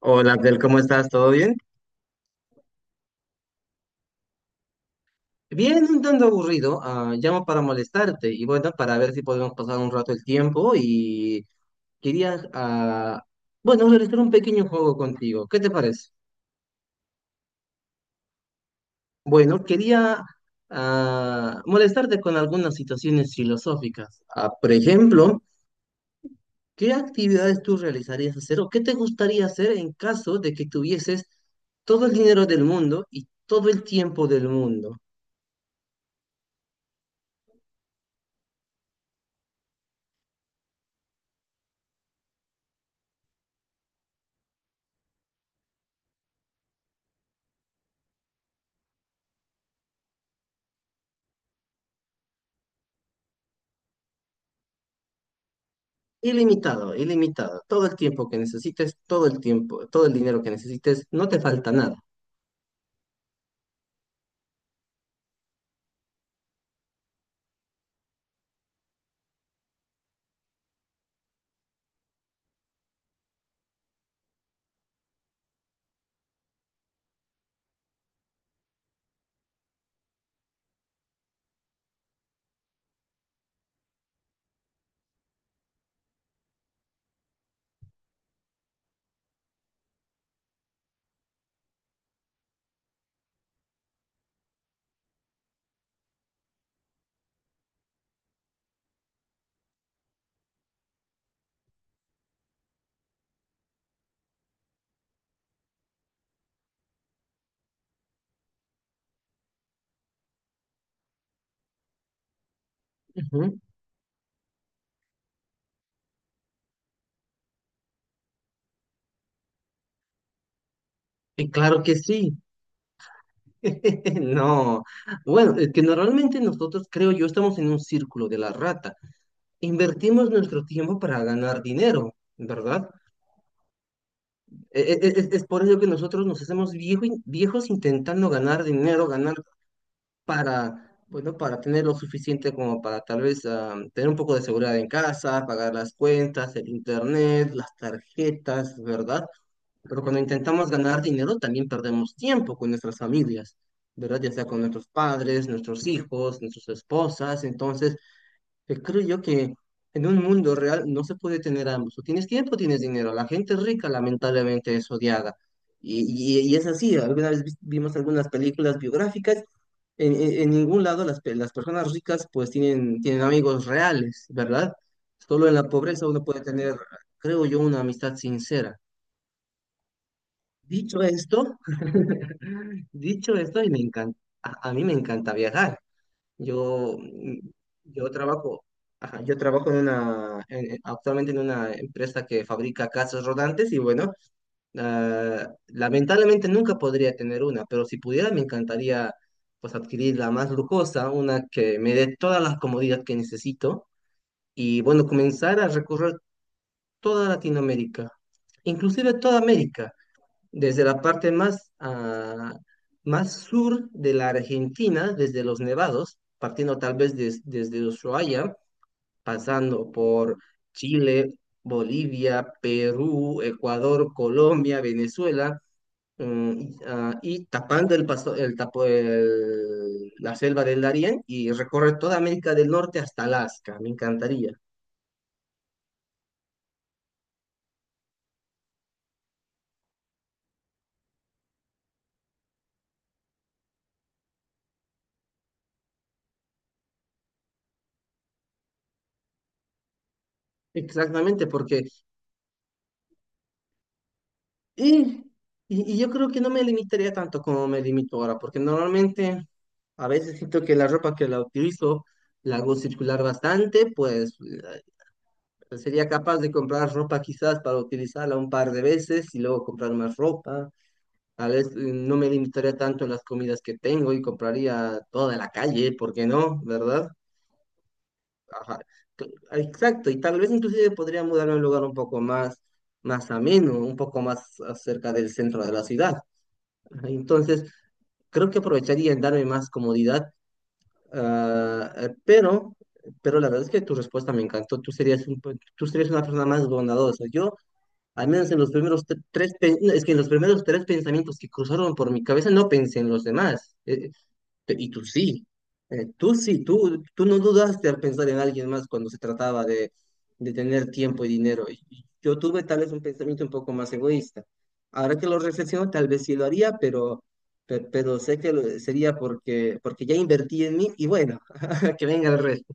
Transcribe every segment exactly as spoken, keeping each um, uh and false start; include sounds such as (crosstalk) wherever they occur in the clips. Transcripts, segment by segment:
Hola Abdel, ¿cómo estás? ¿Todo bien? Bien, un tanto aburrido. Ah, llamo para molestarte y bueno, para ver si podemos pasar un rato el tiempo y quería, ah, bueno, realizar un pequeño juego contigo. ¿Qué te parece? Bueno, quería ah, molestarte con algunas situaciones filosóficas. Ah, por ejemplo, ¿qué actividades tú realizarías hacer o qué te gustaría hacer en caso de que tuvieses todo el dinero del mundo y todo el tiempo del mundo? Ilimitado, ilimitado. Todo el tiempo que necesites, todo el tiempo, todo el dinero que necesites, no te falta nada. Ujú. Y claro que sí. (laughs) No. Bueno, es que normalmente nosotros, creo yo, estamos en un círculo de la rata. Invertimos nuestro tiempo para ganar dinero, ¿verdad? E- e- e- Es por ello que nosotros nos hacemos viejo in- viejos intentando ganar dinero, ganar para, bueno, para tener lo suficiente como para tal vez ah, tener un poco de seguridad en casa, pagar las cuentas, el internet, las tarjetas, ¿verdad? Pero cuando intentamos ganar dinero también perdemos tiempo con nuestras familias, ¿verdad? Ya sea con nuestros padres, nuestros hijos, nuestras esposas, entonces que creo yo que en un mundo real no se puede tener ambos. O tienes tiempo o tienes dinero. La gente rica lamentablemente es odiada. Y, y- y es así. Alguna vez vis- vimos algunas películas biográficas. En, en- en ningún lado las, pe- las personas ricas pues tienen, tienen amigos reales, ¿verdad? Solo en la pobreza uno puede tener, creo yo, una amistad sincera. Dicho esto, (laughs) dicho esto, y me encanta, a a mí me encanta viajar. Yo, mm, yo trabajo, ajá, yo trabajo en una, en- en- actualmente en una empresa que fabrica casas rodantes y bueno, ah, lamentablemente nunca podría tener una, pero si pudiera me encantaría pues adquirir la más lujosa, una que me dé todas las comodidades que necesito y bueno, comenzar a recorrer toda Latinoamérica, inclusive toda América desde la parte más, ah, más sur de la Argentina, desde los Nevados, partiendo tal vez des- desde Ushuaia, pasando por Chile, Bolivia, Perú, Ecuador, Colombia, Venezuela, mm, y, ah, y tapando el paso, el tapo, el- la selva del Darién y recorre toda América del Norte hasta Alaska. Me encantaría. Exactamente, porque y, y, y yo creo que no me limitaría tanto como me limito ahora, porque normalmente a veces siento que la ropa que la utilizo la hago circular bastante, pues eh, sería capaz de comprar ropa quizás para utilizarla un par de veces y luego comprar más ropa. Tal vez eh, no me limitaría tanto en las comidas que tengo y compraría toda la calle, ¿por qué no? ¿Verdad? Ajá. Cl- Exacto, y tal vez inclusive podría mudarme a un lugar un poco más, más ameno, un poco más cerca del centro de la ciudad. Entonces, creo que aprovecharía en darme más comodidad, ah, eh, pero, pero la verdad es que tu respuesta me encantó. Tú serías un, pe- tú serías una persona más bondadosa. Yo, al menos en los primeros te- tres, pe- no, es que en los primeros tres pensamientos que cruzaron por mi cabeza, no pensé en los demás. Eh, te- Y tú sí, eh, tú sí, tú, tú no dudaste al pensar en alguien más cuando se trataba de, de tener tiempo y dinero. Y- y yo tuve tal vez un pensamiento un poco más egoísta. Ahora que lo reflexiono, tal vez sí lo haría, pero, pe- pero sé que lo- sería porque, porque ya invertí en mí y bueno, (laughs) que venga el resto.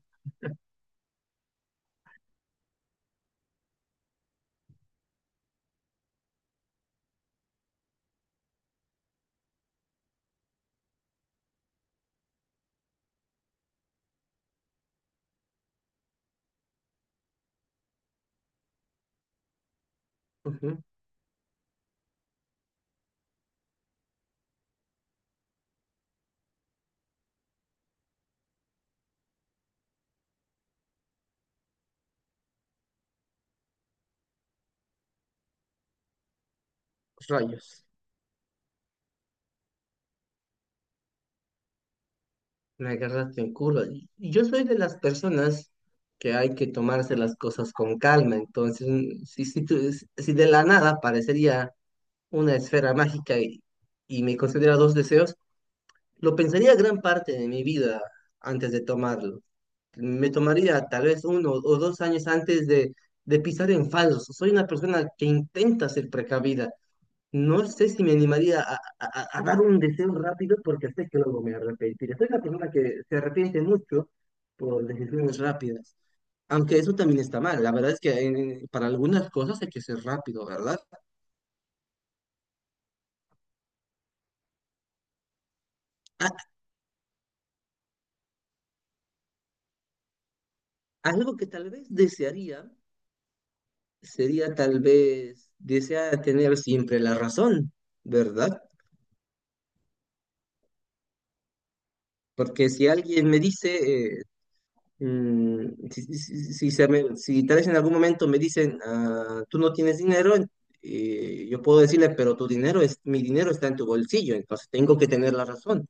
Ujú. Rayos, me agarraste en curva. Y- y yo soy de las personas que hay que tomarse las cosas con calma, entonces mm, si, si, tú- si de la nada parecería una esfera mágica y, y me concediera dos deseos, lo pensaría gran parte de mi vida antes de tomarlo. Me tomaría tal vez uno o dos años antes de, de pisar en falso. Soy una persona que intenta ser precavida. No sé si me animaría a, a- a dar un deseo rápido porque sé que luego me arrepentiré. Soy una persona que se arrepiente mucho por decisiones rápidas. Aunque eso también está mal. La verdad es que en- en- para algunas cosas hay que ser rápido, ¿verdad? A- Algo que tal vez desearía sería tal vez desea tener siempre la razón, ¿verdad? Porque si alguien me dice, eh, mm, si, si- si- si se me- si tal vez en algún momento me dicen, "Ah, tú no tienes dinero, eh, yo puedo decirle, pero tu dinero es, mi dinero está en tu bolsillo, entonces tengo que tener la razón."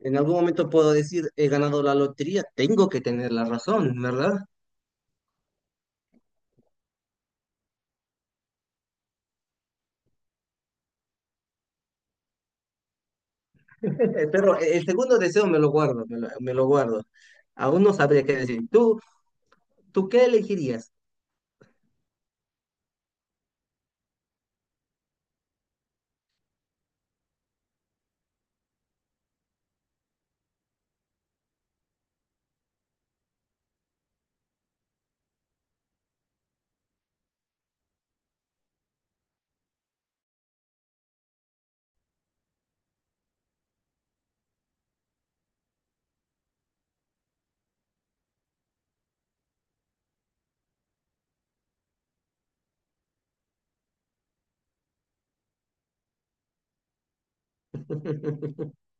En algún momento puedo decir, he ganado la lotería, tengo que tener la razón, ¿verdad? (laughs) Pero el segundo deseo me lo guardo, me lo, me lo guardo. Aún no sabría qué decir. ¿Tú, tú qué elegirías? (laughs)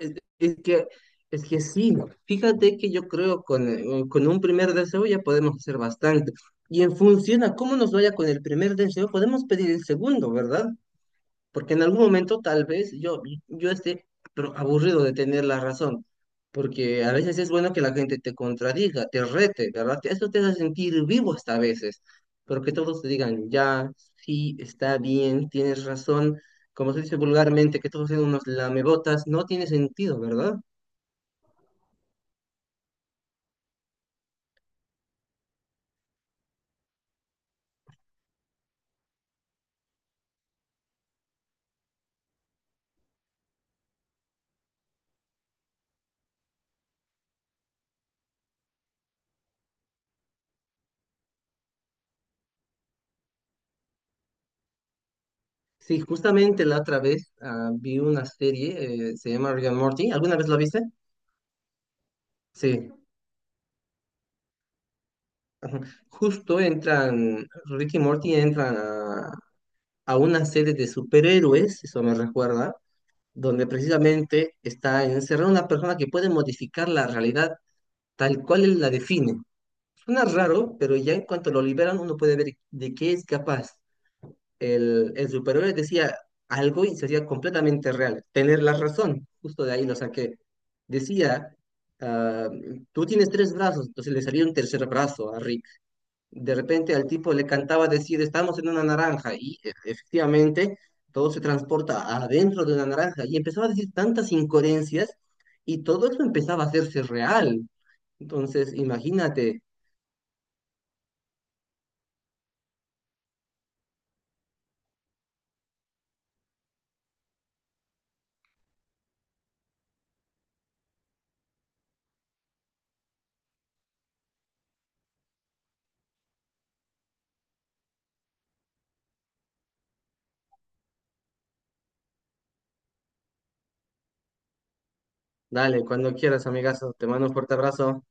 Es, es que, es que sí, ¿no? Fíjate que yo creo con, eh, con un primer deseo ya podemos hacer bastante. Y en función a cómo nos vaya con el primer deseo, podemos pedir el segundo, ¿verdad? Porque en algún momento tal vez yo, yo esté pero aburrido de tener la razón, porque a veces es bueno que la gente te contradiga, te rete, ¿verdad? Eso te hace sentir vivo hasta a veces, pero que todos te digan, ya, sí, está bien, tienes razón, como se dice vulgarmente, que todos sean unos lamebotas, no tiene sentido, ¿verdad? Sí, justamente la otra vez ah, vi una serie, eh, se llama Rick and Morty, ¿alguna vez la viste? Sí, justo entran, Rick y Morty entran a, a una serie de superhéroes, eso me recuerda, donde precisamente está encerrada una persona que puede modificar la realidad tal cual él la define. Suena raro, pero ya en cuanto lo liberan uno puede ver de qué es capaz. El, el superhéroe decía algo y sería completamente real. Tener la razón, justo de ahí lo saqué. Decía, ah, tú tienes tres brazos, entonces le salía un tercer brazo a Rick de repente al tipo le cantaba decir, estamos en una naranja, y e- efectivamente todo se transporta adentro de una naranja, y empezaba a decir tantas incoherencias, y todo eso empezaba a hacerse real. Entonces, imagínate, dale, cuando quieras, amigazo, te mando un fuerte abrazo.